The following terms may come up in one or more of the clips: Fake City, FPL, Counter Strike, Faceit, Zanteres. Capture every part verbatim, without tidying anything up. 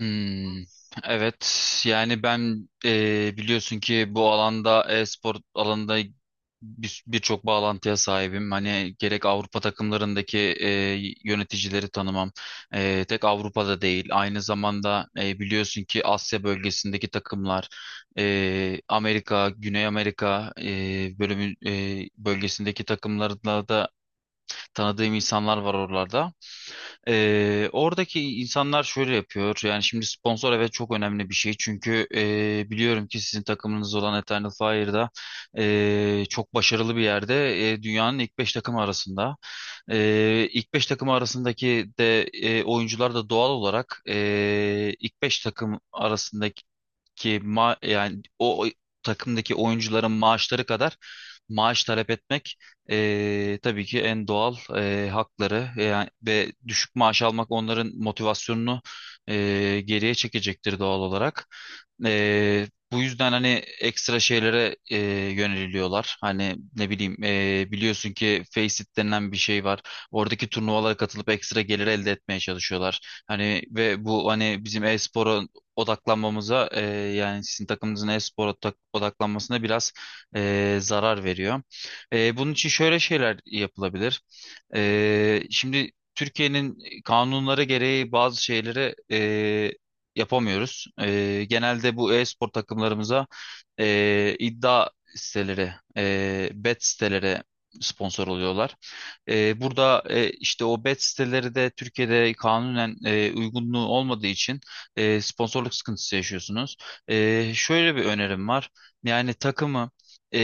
Hmm, evet yani ben e, biliyorsun ki bu alanda e-spor alanında bir- birçok bağlantıya sahibim. Hani gerek Avrupa takımlarındaki e, yöneticileri tanımam. E, tek Avrupa'da değil. Aynı zamanda e, biliyorsun ki Asya bölgesindeki takımlar, e, Amerika, Güney Amerika e, bölümü e, bölgesindeki takımlarla da tanıdığım insanlar var oralarda. Ee, oradaki insanlar şöyle yapıyor. Yani şimdi sponsor, evet, çok önemli bir şey. Çünkü ee, biliyorum ki sizin takımınız olan Eternal Fire'da ee, çok başarılı bir yerde. Ee, dünyanın ilk beş takımı arasında. Ee, ilk beş takımı arasındaki de ee, oyuncular da doğal olarak ee, ilk beş takım arasındaki ki ma yani o o takımdaki oyuncuların maaşları kadar maaş talep etmek eee, tabii ki en doğal eee, hakları, e, yani ve düşük maaş almak onların motivasyonunu eee, geriye çekecektir doğal olarak. Eee, bu yüzden hani ekstra şeylere eee, yöneliliyorlar. Hani ne bileyim, eee, biliyorsun ki Faceit denilen bir şey var. Oradaki turnuvalara katılıp ekstra gelir elde etmeye çalışıyorlar. Hani ve bu hani bizim e-spora odaklanmamıza, e, yani sizin takımınızın e-spora odak- odaklanmasına biraz e, zarar veriyor. E, bunun için şöyle şeyler yapılabilir. E, şimdi Türkiye'nin kanunları gereği bazı şeyleri e, yapamıyoruz. E, genelde bu e-spor takımlarımıza e, iddia siteleri, e, bet siteleri sponsor oluyorlar. E, burada e, işte o bet siteleri de Türkiye'de kanunen e, uygunluğu olmadığı için e, sponsorluk sıkıntısı yaşıyorsunuz. E, şöyle bir önerim var. Yani takımı, e,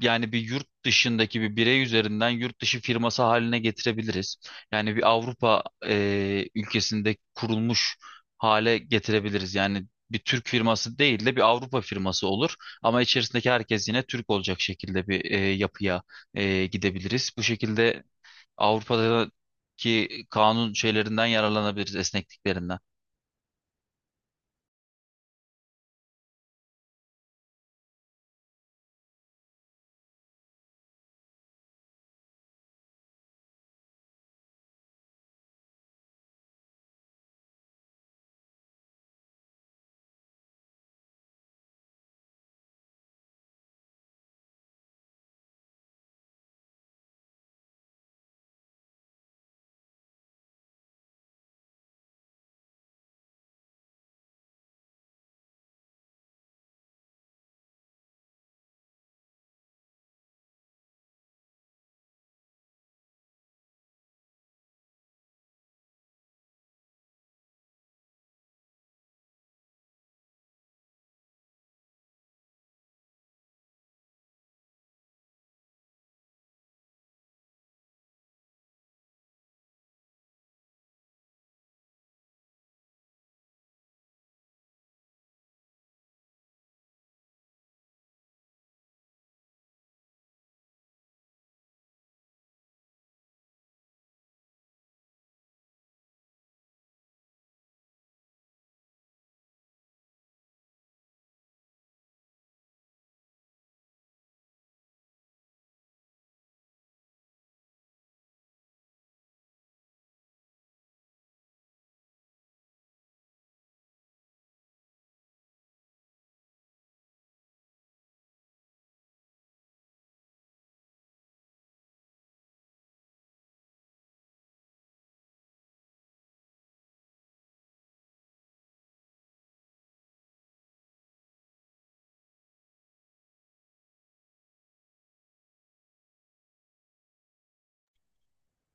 yani bir yurt dışındaki bir birey üzerinden yurt dışı firması haline getirebiliriz. Yani bir Avrupa e, ülkesinde kurulmuş hale getirebiliriz. Yani bir Türk firması değil de bir Avrupa firması olur. Ama içerisindeki herkes yine Türk olacak şekilde bir e, yapıya e, gidebiliriz. Bu şekilde Avrupa'daki kanun şeylerinden yararlanabiliriz, esnekliklerinden.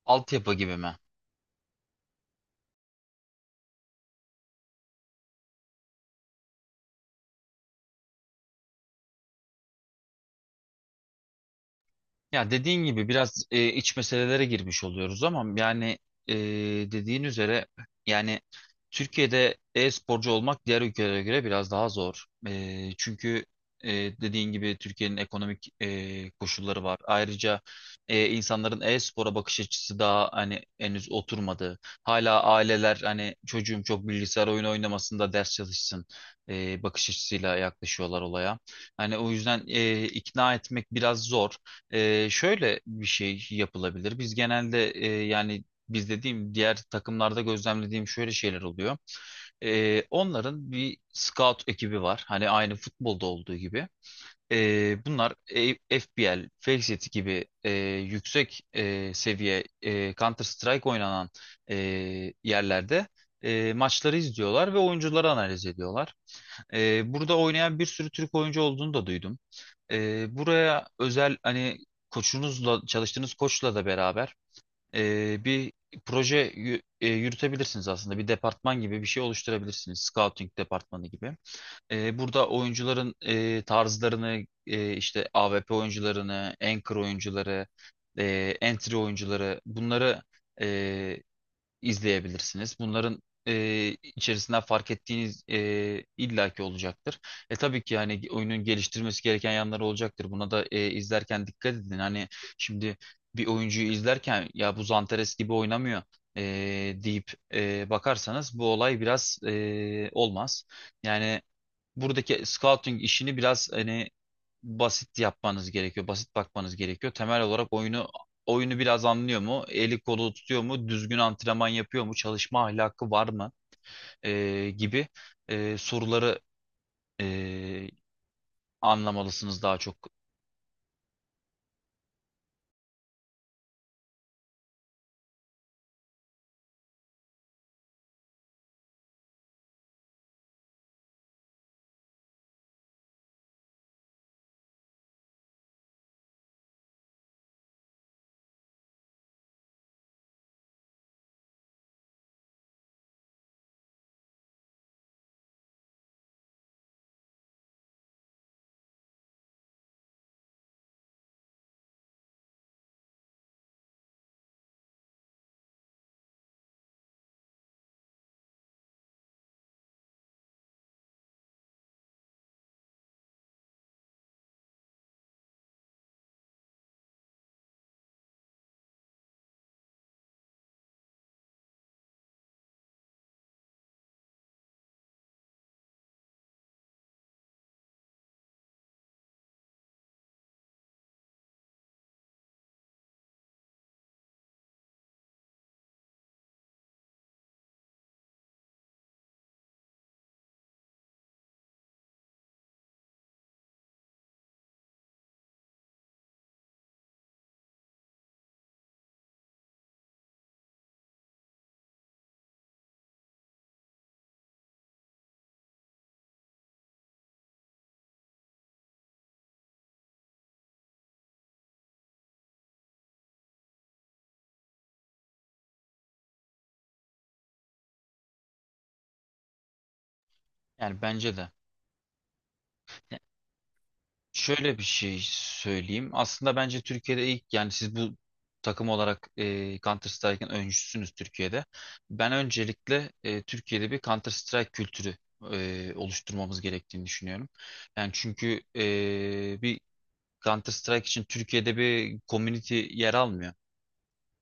Altyapı gibi mi? Ya dediğin gibi biraz e, iç meselelere girmiş oluyoruz ama yani, e, dediğin üzere, yani Türkiye'de e-sporcu olmak diğer ülkelere göre biraz daha zor. E, çünkü e, dediğin gibi Türkiye'nin ekonomik e, koşulları var. Ayrıca e, insanların e-spora bakış açısı daha hani henüz oturmadı. Hala aileler hani çocuğum çok bilgisayar oyunu oynamasında ders çalışsın e, bakış açısıyla yaklaşıyorlar olaya. Hani o yüzden e, ikna etmek biraz zor. Ee, şöyle bir şey yapılabilir. Biz genelde, e, yani biz dediğim, diğer takımlarda gözlemlediğim şöyle şeyler oluyor. Ee, onların bir scout ekibi var. Hani aynı futbolda olduğu gibi. Ee, bunlar e- F P L, Fake City gibi e, yüksek e, seviye e, Counter Strike oynanan e, yerlerde e, maçları izliyorlar ve oyuncuları analiz ediyorlar. Ee, burada oynayan bir sürü Türk oyuncu olduğunu da duydum. Ee, buraya özel hani koçunuzla, çalıştığınız koçla da beraber ee, bir proje yü- e, yürütebilirsiniz aslında. Bir departman gibi bir şey oluşturabilirsiniz. Scouting departmanı gibi. Ee, burada oyuncuların ee, tarzlarını, ee, işte A W P oyuncularını, anchor oyuncuları, ee, entry oyuncuları, bunları izleyebilirsiniz. Bunların e, içerisinden fark ettiğiniz e, illaki olacaktır. E tabii ki yani oyunun geliştirmesi gereken yanları olacaktır. Buna da e, izlerken dikkat edin. Hani şimdi bir oyuncuyu izlerken ya bu Zanteres gibi oynamıyor e, deyip e, bakarsanız bu olay biraz e, olmaz. Yani buradaki scouting işini biraz hani basit yapmanız gerekiyor. Basit bakmanız gerekiyor. Temel olarak oyunu oyunu biraz anlıyor mu? Eli kolu tutuyor mu? Düzgün antrenman yapıyor mu? Çalışma ahlakı var mı? Ee, gibi e, soruları e, anlamalısınız daha çok. Yani bence de. Şöyle bir şey söyleyeyim. Aslında bence Türkiye'de ilk, yani siz bu takım olarak e, Counter Strike'ın öncüsünüz Türkiye'de. Ben öncelikle e, Türkiye'de bir Counter Strike kültürü e, oluşturmamız gerektiğini düşünüyorum. Yani çünkü e, bir Counter Strike için Türkiye'de bir community yer almıyor.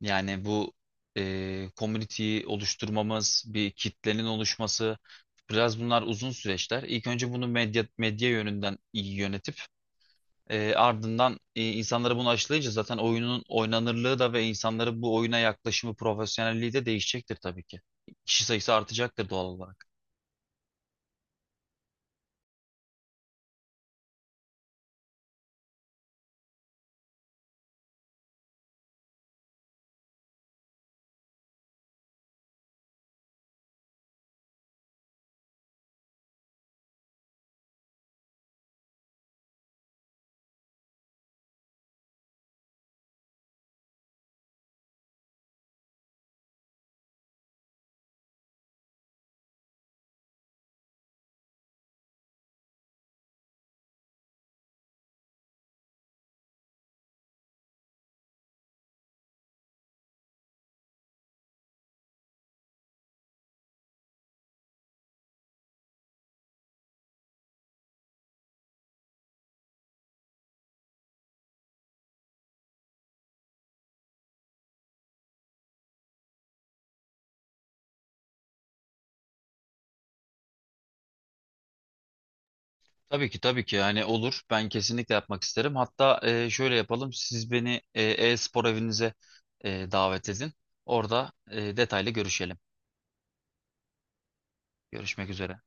Yani bu e, community'yi oluşturmamız, bir kitlenin oluşması, biraz bunlar uzun süreçler. İlk önce bunu medya medya yönünden iyi yönetip, e, ardından e, insanları bunu aşılayınca zaten oyunun oynanırlığı da ve insanların bu oyuna yaklaşımı, profesyonelliği de değişecektir tabii ki. Kişi sayısı artacaktır doğal olarak. Tabii ki, tabii ki yani olur. Ben kesinlikle yapmak isterim. Hatta e, şöyle yapalım. Siz beni e, e-spor evinize e, davet edin. Orada e, detaylı görüşelim. Görüşmek üzere.